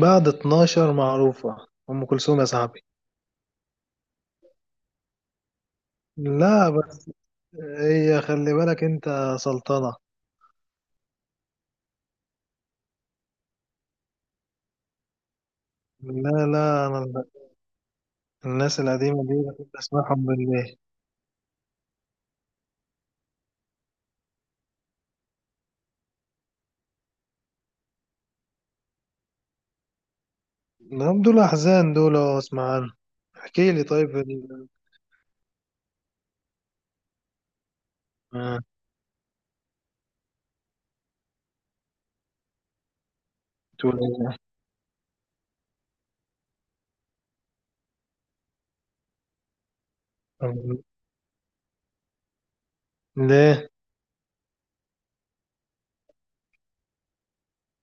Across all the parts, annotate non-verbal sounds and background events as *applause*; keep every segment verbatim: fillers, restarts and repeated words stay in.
بعد اتناشر معروفة، أم كلثوم يا صاحبي. لا بس، هي خلي بالك أنت سلطنة. لا لا، أنا ال- الناس القديمة دي بحب أسمعهم بالليل. نعم، دول أحزان دول، أه، أسمع عنهم. احكي لي، طيب، ال- آه، تقول إيه؟ طب ليه؟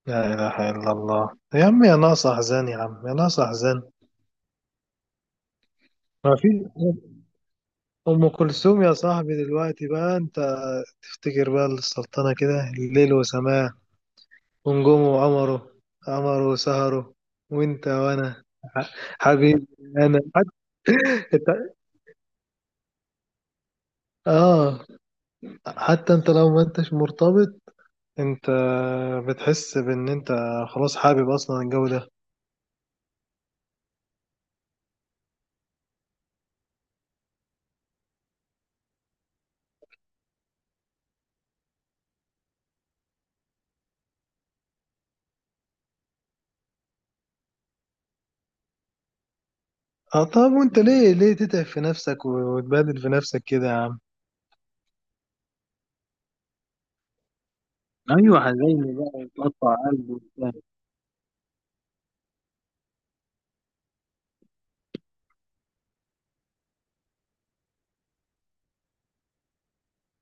لا إله إلا الله، يا عم يا ناقص أحزان، يا عم يا ناقص أحزان. ما في. أم كلثوم يا صاحبي دلوقتي بقى. أنت تفتكر بقى السلطنة كده، الليل وسماه ونجومه وقمره، قمره وسهره، وانت وانا. ح- حبيبي انا. حتى اه حتى انت لو ما انتش مرتبط، انت بتحس بان انت خلاص حابب اصلا الجو ده. اه طب، وانت ليه ليه تتعب في نفسك وتبهدل في نفسك كده يا عم؟ ايوه، حزيني بقى يتقطع قلبي وبتاع.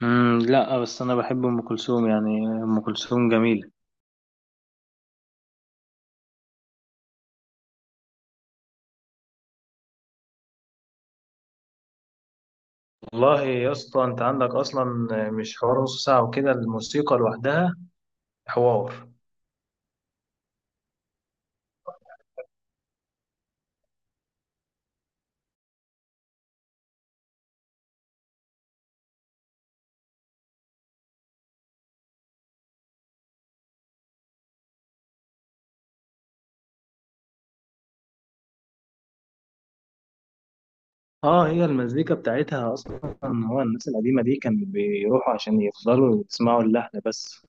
امم لا بس انا بحب ام كلثوم، يعني ام كلثوم جميله. والله يا اسطى، انت عندك اصلا مش حوار نص ساعة وكده، الموسيقى لوحدها حوار. اه، هي المزيكا بتاعتها اصلا، هو الناس القديمه دي كانوا بيروحوا عشان يفضلوا يسمعوا اللحن بس.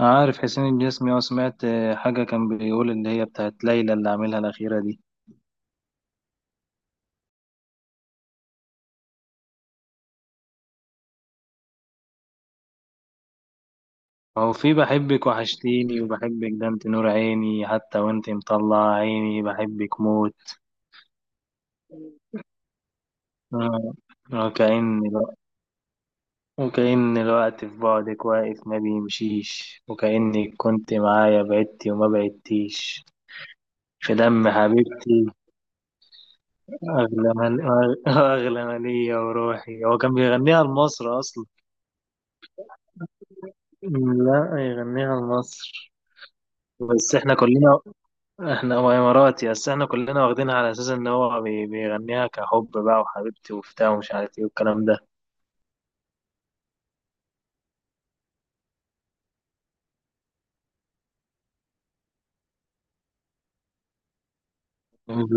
عارف حسين الجسمي، اه سمعت آه، حاجه كان بيقول، اللي هي بتاعت ليلى، اللي عاملها الاخيره دي. هو في بحبك، وحشتيني، وبحبك ده، انت نور عيني، حتى وانت مطلع عيني بحبك موت. آه، وكأن الو- وكأن الوقت في بعدك واقف ما بيمشيش، وكأنك كنت معايا، بعدتي وما بعدتيش، في دم حبيبتي، أغلى من أغ- أغلى من ليا وروحي. هو كان بيغنيها لمصر أصلا. لا، يغنيها لمصر، بس احنا كلنا، احنا هو إماراتي، بس احنا كلنا واخدينها على أساس إن هو بي- بيغنيها كحب بقى، وحبيبتي وبتاع، ومش عارف إيه والكلام ده. امم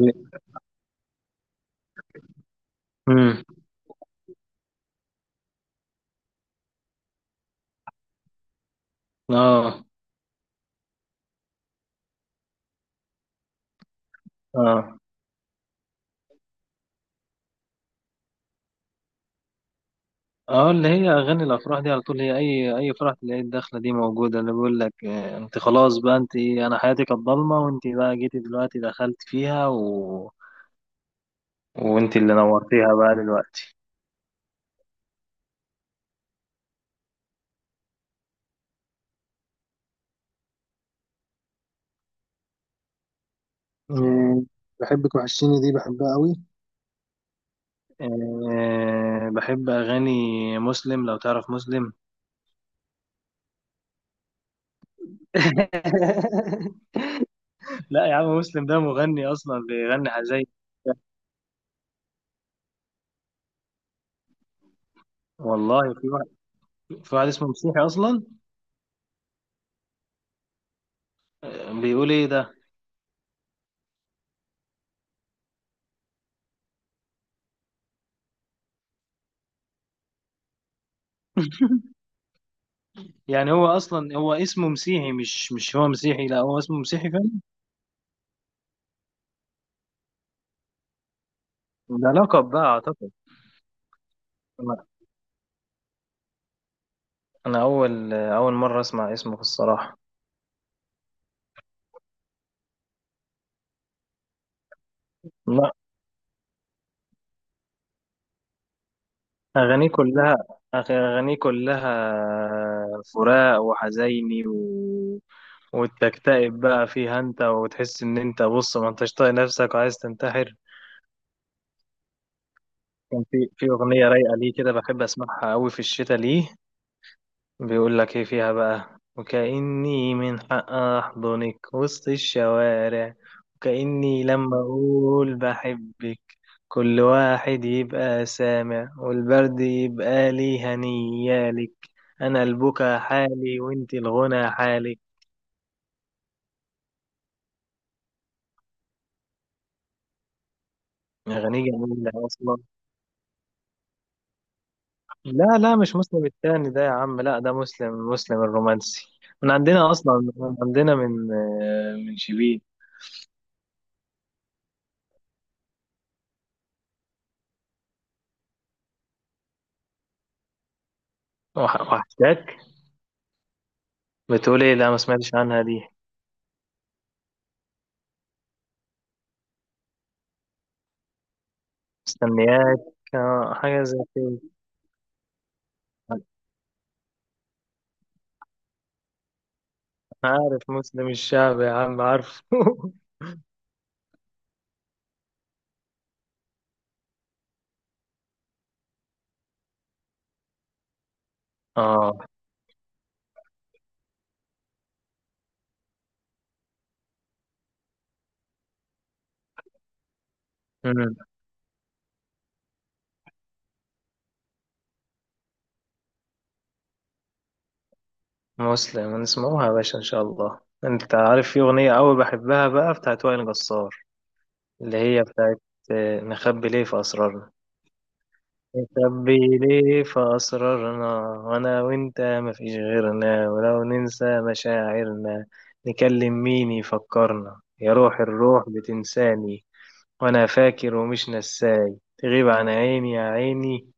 اه اه اه اللي هي اغاني الافراح دي على طول، هي اي اي فرح تلاقي الدخله دي موجوده، اللي بيقول لك آه، انت خلاص بقى، انت انا حياتي كانت ضلمه، وانت بقى جيتي دلوقتي دخلت فيها و... وانت اللي نورتيها بقى دلوقتي. آه، بحبك وحشتيني دي بحبها قوي. أه بحب أغاني مسلم، لو تعرف مسلم. *laughs* لا يا عم، مسلم ده مغني أصلا، بيغني حزين. والله، في واحد، في واحد اسمه مسيحي أصلا. آه، بيقول إيه ده؟ يعني هو أصلا هو اسمه مسيحي، مش مش هو مسيحي؟ لا، هو اسمه مسيحي فعلا. ده لقب بقى أعتقد. أنا أنا أول أول مرة أسمع اسمه في الصراحة. لا، أغانيه كلها أغانيه كلها فراق وحزيني، و... وتكتئب بقى فيها أنت، وتحس إن أنت، بص، ما أنتش طايق نفسك وعايز تنتحر. كان في في أغنية رايقة ليه كده بحب أسمعها أوي في الشتاء. ليه بيقول لك ايه فيها بقى، وكأني من حق احضنك وسط الشوارع، وكأني لما اقول بحبك كل واحد يبقى سامع، والبرد يبقى لي، هنيالك، انا البكا حالي وانت الغنى حالك. اغاني جميلة اصلا. لا لا، مش مسلم التاني ده يا عم. لا، ده مسلم مسلم الرومانسي. من عندنا اصلا، من عندنا، من آه، من شبيه. وح- وحشتك، بتقول ايه؟ لا ما سمعتش عنها دي. مستنياك، آه، حاجة زي كده. أنا عارف مسلم الشعب يا عم، عارفه. *laughs* آه. أمم، مسلم نسمعوها يا باشا إن شاء الله. أنت عارف في أغنية أوي بحبها بقى، بتاعت وائل جسار، اللي هي بتاعت آه، نخبي ليه في أسرارنا. نخبي ليه في أسرارنا، وأنا وأنت مفيش غيرنا، ولو ننسى مشاعرنا نكلم مين يفكرنا؟ يا روح الروح، بتنساني وانا فاكر ومش نساي، تغيب عن عيني يا عيني،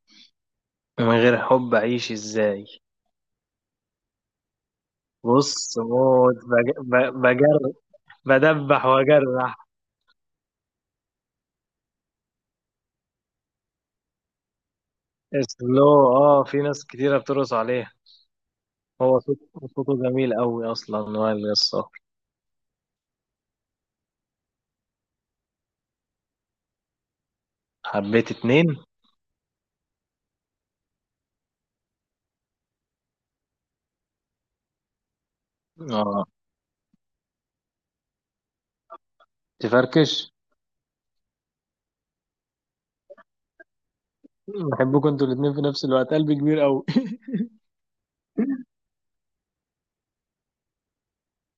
من غير حب اعيش ازاي؟ بص، موت، بج- ب- بجر، بدبح واجرح. اسلو، اه في ناس كتيرة بترقص عليها. هو صوت صوته جميل قوي، اصلا وائل جسار. حبيت اتنين، اه تفركش. بحبكم انتوا الاتنين في نفس الوقت، قلبي كبير قوي. *laughs*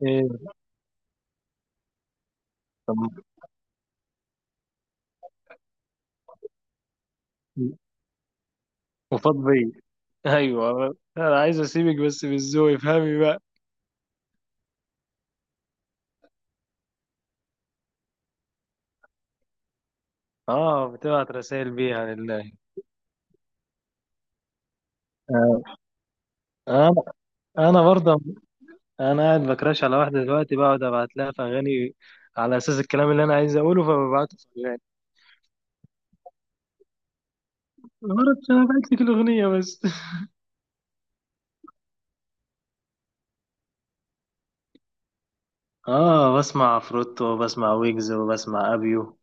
ايه؟ طب، وفاض بيا. ايوه، انا عايز اسيبك بس بالذوق، افهمي بقى. اه، بتبعت رسائل بيها لله. انا انا برضه انا قاعد بكراش على واحده دلوقتي، بقعد ابعت لها في اغاني على اساس الكلام اللي انا عايز اقوله، فببعته في اغاني. غلط، انا بعت لك الاغنيه بس. *laughs* اه، بسمع عفروتو، وبسمع ويجز، وبسمع ابيو.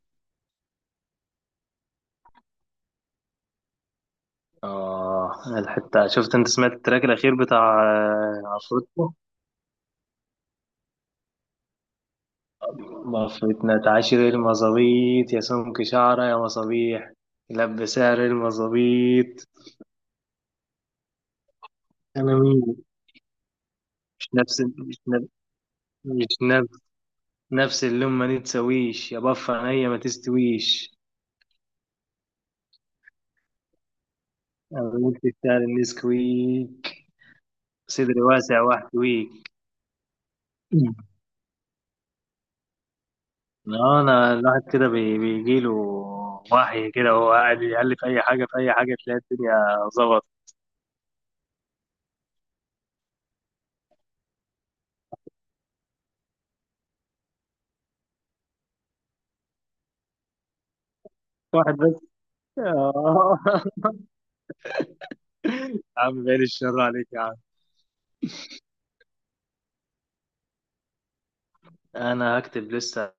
اه، الحته، شفت انت سمعت التراك الاخير بتاع آه، عفروتو؟ مفتنا تعاشر المظابيط يا سمك شعره يا مصابيح، لب سعر المظابيط. انا مين؟ مش نفس مش نفس مش نفس اللون، ما نتسويش يا بف عينيا ما تستويش. انا قلت بتاع النسكويك، صدري واسع واحتويك. لا، انا الواحد كده بي- بيجيله وحي كده، وهو قاعد يقلب في اي حاجه، في اي حاجه تلاقي الدنيا ظبط. واحد بس؟ آه. *laughs* يا عم بعيد الشر عليك يا عم. انا هكتب لسه،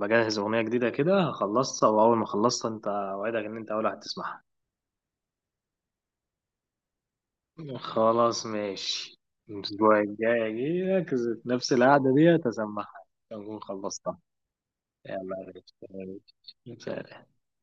بجهز اغنيه جديده كده، هخلصها، واول ما اخلصها انت اوعدك ان انت اول واحد تسمعها. خلاص، ماشي. الأسبوع الجاي أجيلك، نفس القعدة دي أسمعها، أكون خلصتها. يلا يا باشا، يلا يا باشا.